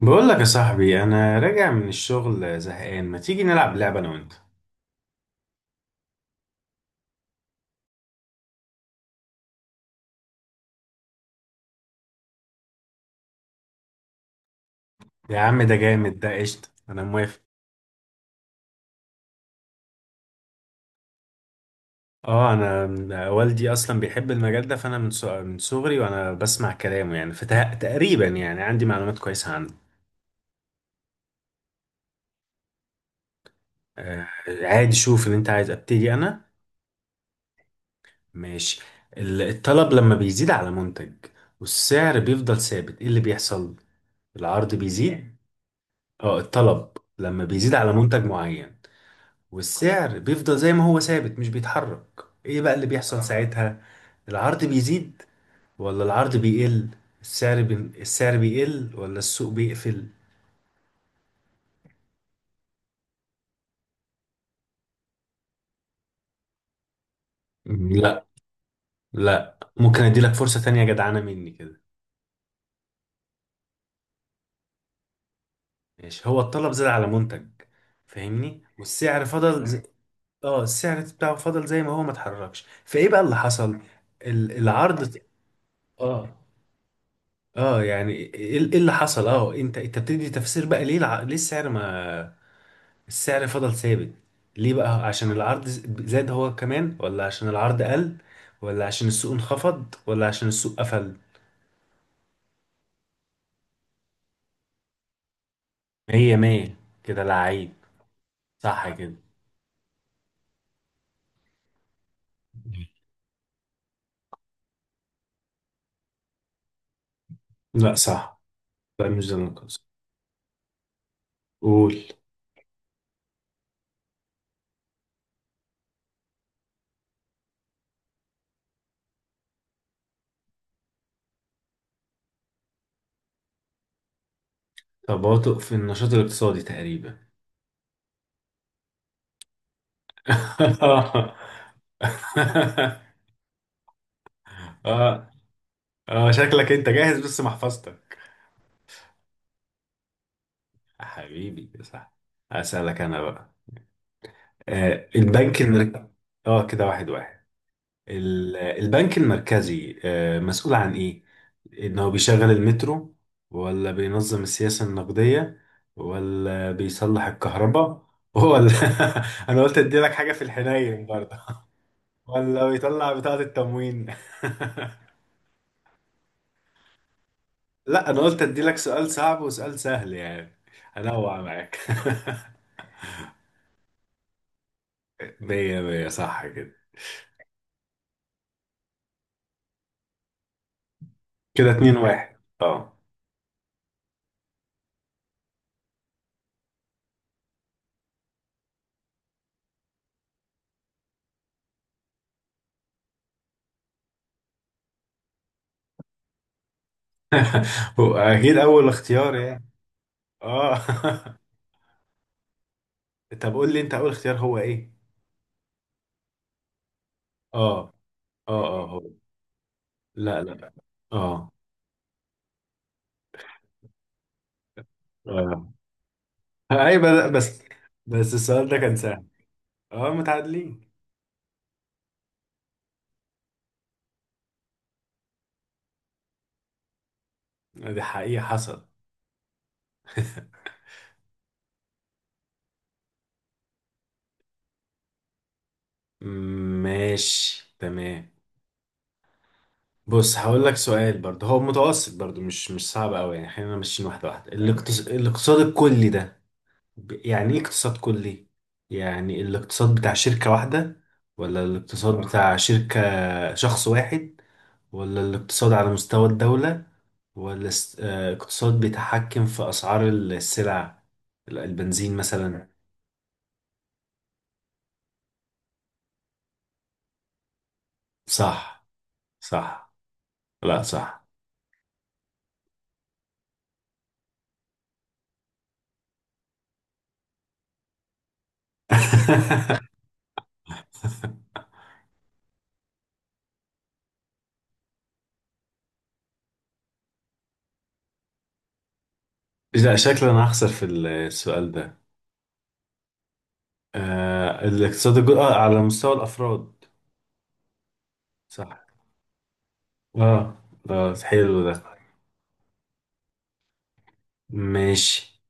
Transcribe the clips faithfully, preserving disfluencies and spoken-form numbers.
بقول لك يا صاحبي، انا راجع من الشغل زهقان، ما تيجي نلعب لعبه انا وانت؟ يا عم ده جامد، ده قشطه، انا موافق. اه انا أنا والدي اصلا بيحب المجال ده، فانا من ص- من صغري وانا بسمع كلامه يعني، فتقريبا يعني عندي معلومات كويسه عنه. آه، عادي، شوف ان انت عايز ابتدي انا. ماشي. ال- الطلب لما بيزيد على منتج والسعر بيفضل ثابت، ايه اللي بيحصل؟ العرض بيزيد؟ اه، الطلب لما بيزيد على منتج معين، والسعر بيفضل زي ما هو ثابت مش بيتحرك، ايه بقى اللي بيحصل اه ساعتها؟ العرض بيزيد ولا العرض بيقل؟ السعر بي... السعر بيقل ولا السوق بيقفل؟ مم، لا. لا، ممكن اديلك فرصة تانية جدعانة مني كده. ماشي، هو الطلب زاد على منتج فاهمني، والسعر فضل مم. زي... اه، السعر بتاعه فضل زي ما هو، ما اتحركش، فايه بقى اللي حصل؟ ال... العرض. اه اه يعني ايه إيه اللي حصل، اه انت انت بتدي تفسير بقى. ليه الع... ليه السعر ما، السعر فضل ثابت ليه بقى؟ عشان العرض زاد هو كمان، ولا عشان العرض قل، ولا عشان السوق انخفض، ولا عشان السوق قفل؟ مية مية، كده لعيب. صح كده. لا، صح. لا، مش ده المقصود. قول. تباطؤ في النشاط الاقتصادي تقريبا. اه. اه اه شكلك انت جاهز، بس محفظتك. حبيبي، صح. اسالك انا بقى. آه البنك المركزي. اه، كده واحد واحد. ال- البنك المركزي آه، مسؤول عن ايه؟ انه بيشغل المترو، ولا بينظم السياسة النقدية، ولا بيصلح الكهرباء، ولا انا قلت ادي لك حاجة في الحنين برضه، ولا بيطلع بطاقة التموين؟ لا، انا قلت ادي لك سؤال صعب وسؤال سهل يعني، انوع معاك. مية مية، صح كده. كده اتنين واحد، اه. هو اكيد اول اختيار يعني. اه. طب قول لي انت، اول اختيار هو ايه. اه اه اه هو. لا، لا. اه اه. ايوه، بس بس بس السؤال ده كان سهل. اه، متعادلين. آه، دي حقيقة حصل. ماشي، تمام. بص، هقول لك سؤال برضه هو متوسط برضه، مش مش صعب قوي يعني، خلينا ماشيين واحدة واحدة. الاقتص... الاقتصاد الكلي ده، ب- يعني ايه اقتصاد كلي؟ يعني الاقتصاد بتاع شركة واحدة، ولا الاقتصاد بتاع شركة شخص واحد، ولا الاقتصاد على مستوى الدولة، والاقتصاد بيتحكم في أسعار السلع البنزين مثلا؟ صح، صح. لا، صح. لا، شكلا أنا هخسر في السؤال ده. آه، الاقتصاد الج- آه على مستوى الأفراد. صح. اه، اه، حلو ده. ماشي.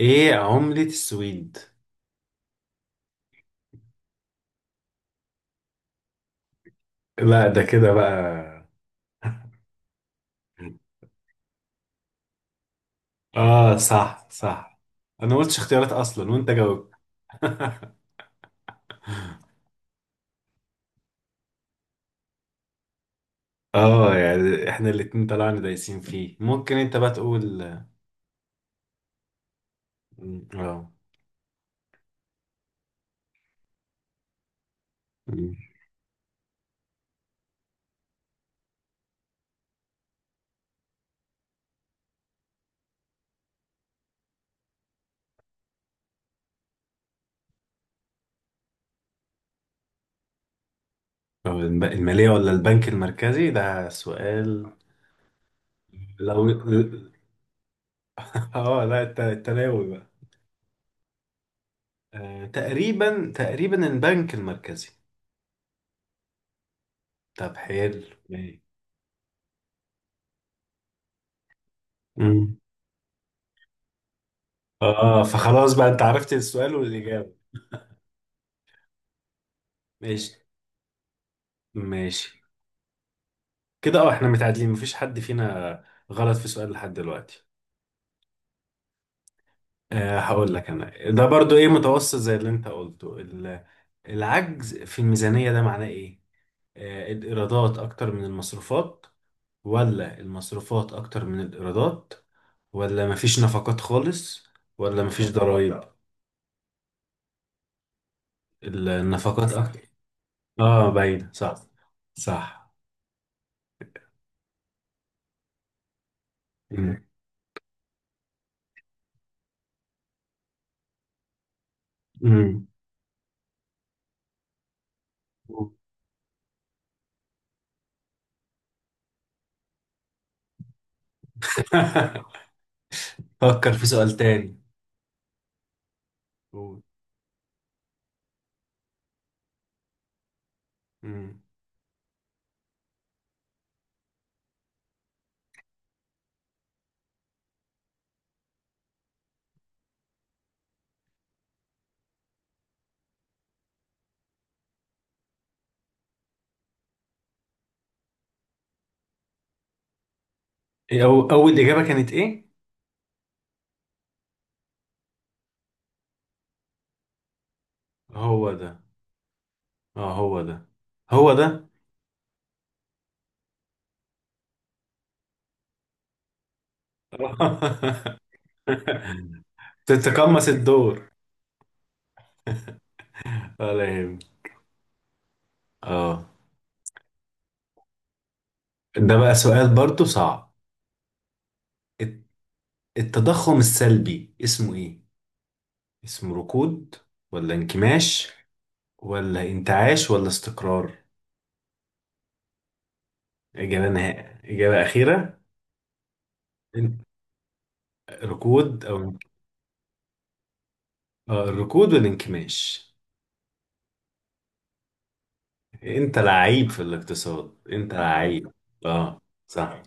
ايه عملة السويد؟ لا، ده كده بقى. اه، صح، صح. انا ما قلتش اختيارات اصلا وانت جاوبت. اه يعني، احنا الاتنين طلعنا دايسين فيه. ممكن انت بقى تقول. مم، اه. مم. آه، الب- المالية ولا البنك المركزي؟ ده سؤال. لو اه. لا، الت- التناوي بقى. آه تقريبا، تقريبا البنك المركزي. طب، حلو. ماشي. مم. اه، فخلاص بقى، انت عرفت السؤال والإجابة. ماشي، ماشي. كده اه، احنا متعادلين، مفيش حد فينا غلط في سؤال لحد دلوقتي. آه، هقول لك انا ده برضو ايه، متوسط زي اللي انت قلته. ال- العجز في الميزانية، ده معناه ايه؟ آه، الايرادات اكتر من المصروفات، ولا المصروفات اكتر من الايرادات، ولا مفيش نفقات خالص، ولا مفيش ضرائب؟ النفقات اكتر. اه، باين، صح. صح. مم. مم. فكر في سؤال تاني. قول. مم. إيه أو أول إجابة كانت إيه؟ هو ده. اه، هو ده. هو ده. تتقمص الدور. ولا يهمك. اه. ده بقى سؤال برضو صعب. الت- التضخم السلبي اسمه ايه؟ اسمه ركود، ولا انكماش، ولا انتعاش، ولا استقرار؟ اجابة نهائية، اجابة اخيرة. ان- ركود او، اه، الركود والانكماش. انت لعيب في الاقتصاد، انت لعيب. اه. صح.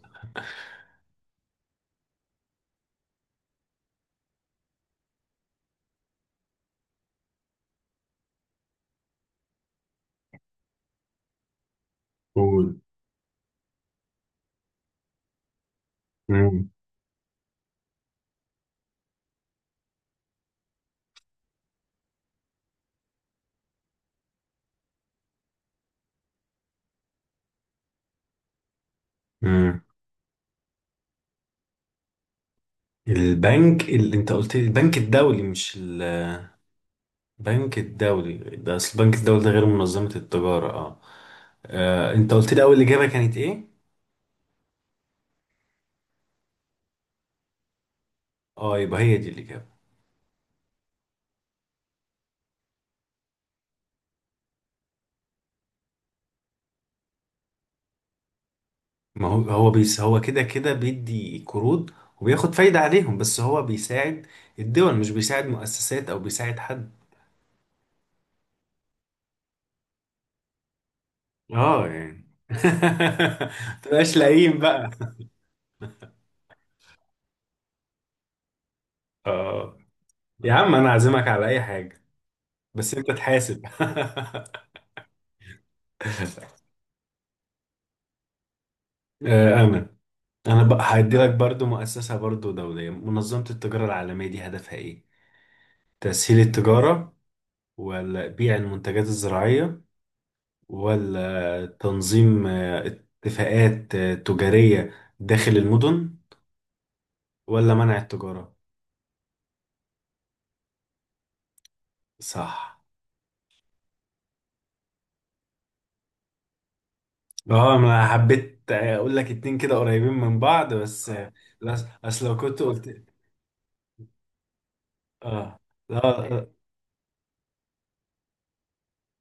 قول. مم. مم. البنك اللي انت قلت لي، البنك الدولي، مش ال بنك الدولي ده، اصل البنك الدولي ده غير منظمة التجارة، اه. آه، انت قلت لي اول اجابة كانت ايه؟ اه، يبقى هي دي الاجابة. ما هو هو، بيس هو كده كده، بيدي قروض وبياخد فايدة عليهم، بس هو بيساعد الدول، مش بيساعد مؤسسات او بيساعد حد. اه يعني، متبقاش لئيم بقى. اه. يا عم، انا عازمك على اي حاجة، بس انت تحاسب. آه، امل. انا بقى هدي لك برضو مؤسسة برضو دولية، منظمة التجارة العالمية دي هدفها ايه؟ تسهيل التجارة، ولا بيع المنتجات الزراعية، ولا تنظيم آه، اتفاقات آه، تجارية داخل المدن، ولا منع التجارة؟ صح. اه، انا حبيت اقول لك اتنين كده قريبين من بعض بس، آه، لا. اصل لو كنت قلت، اه، لا، آه،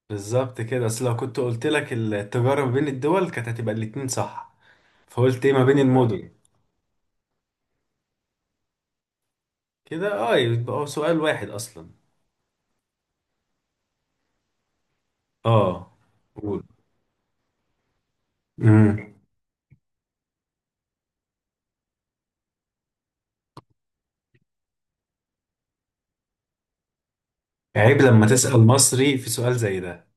بالظبط كده. اصل لو كنت قلت لك التجارة ما بين الدول كانت هتبقى الاتنين صح، فقلت ايه ما بين المدن. كده اه، يبقى هو سؤال واحد اصلا. اه. قول. امم عيب لما تسأل مصري في سؤال زي ده.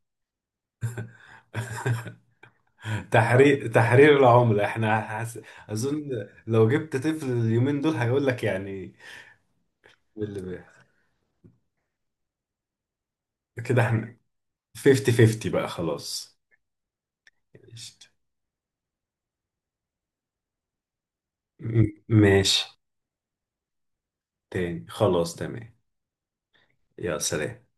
تحرير تحرير العملة، احنا حس... اظن. لو جبت طفل اليومين دول هيقول لك يعني إيه اللي بيحصل. كده احنا خمسين خمسين بقى، خلاص. قشطة. م- ماشي تاني، خلاص، تمام. يا سلام.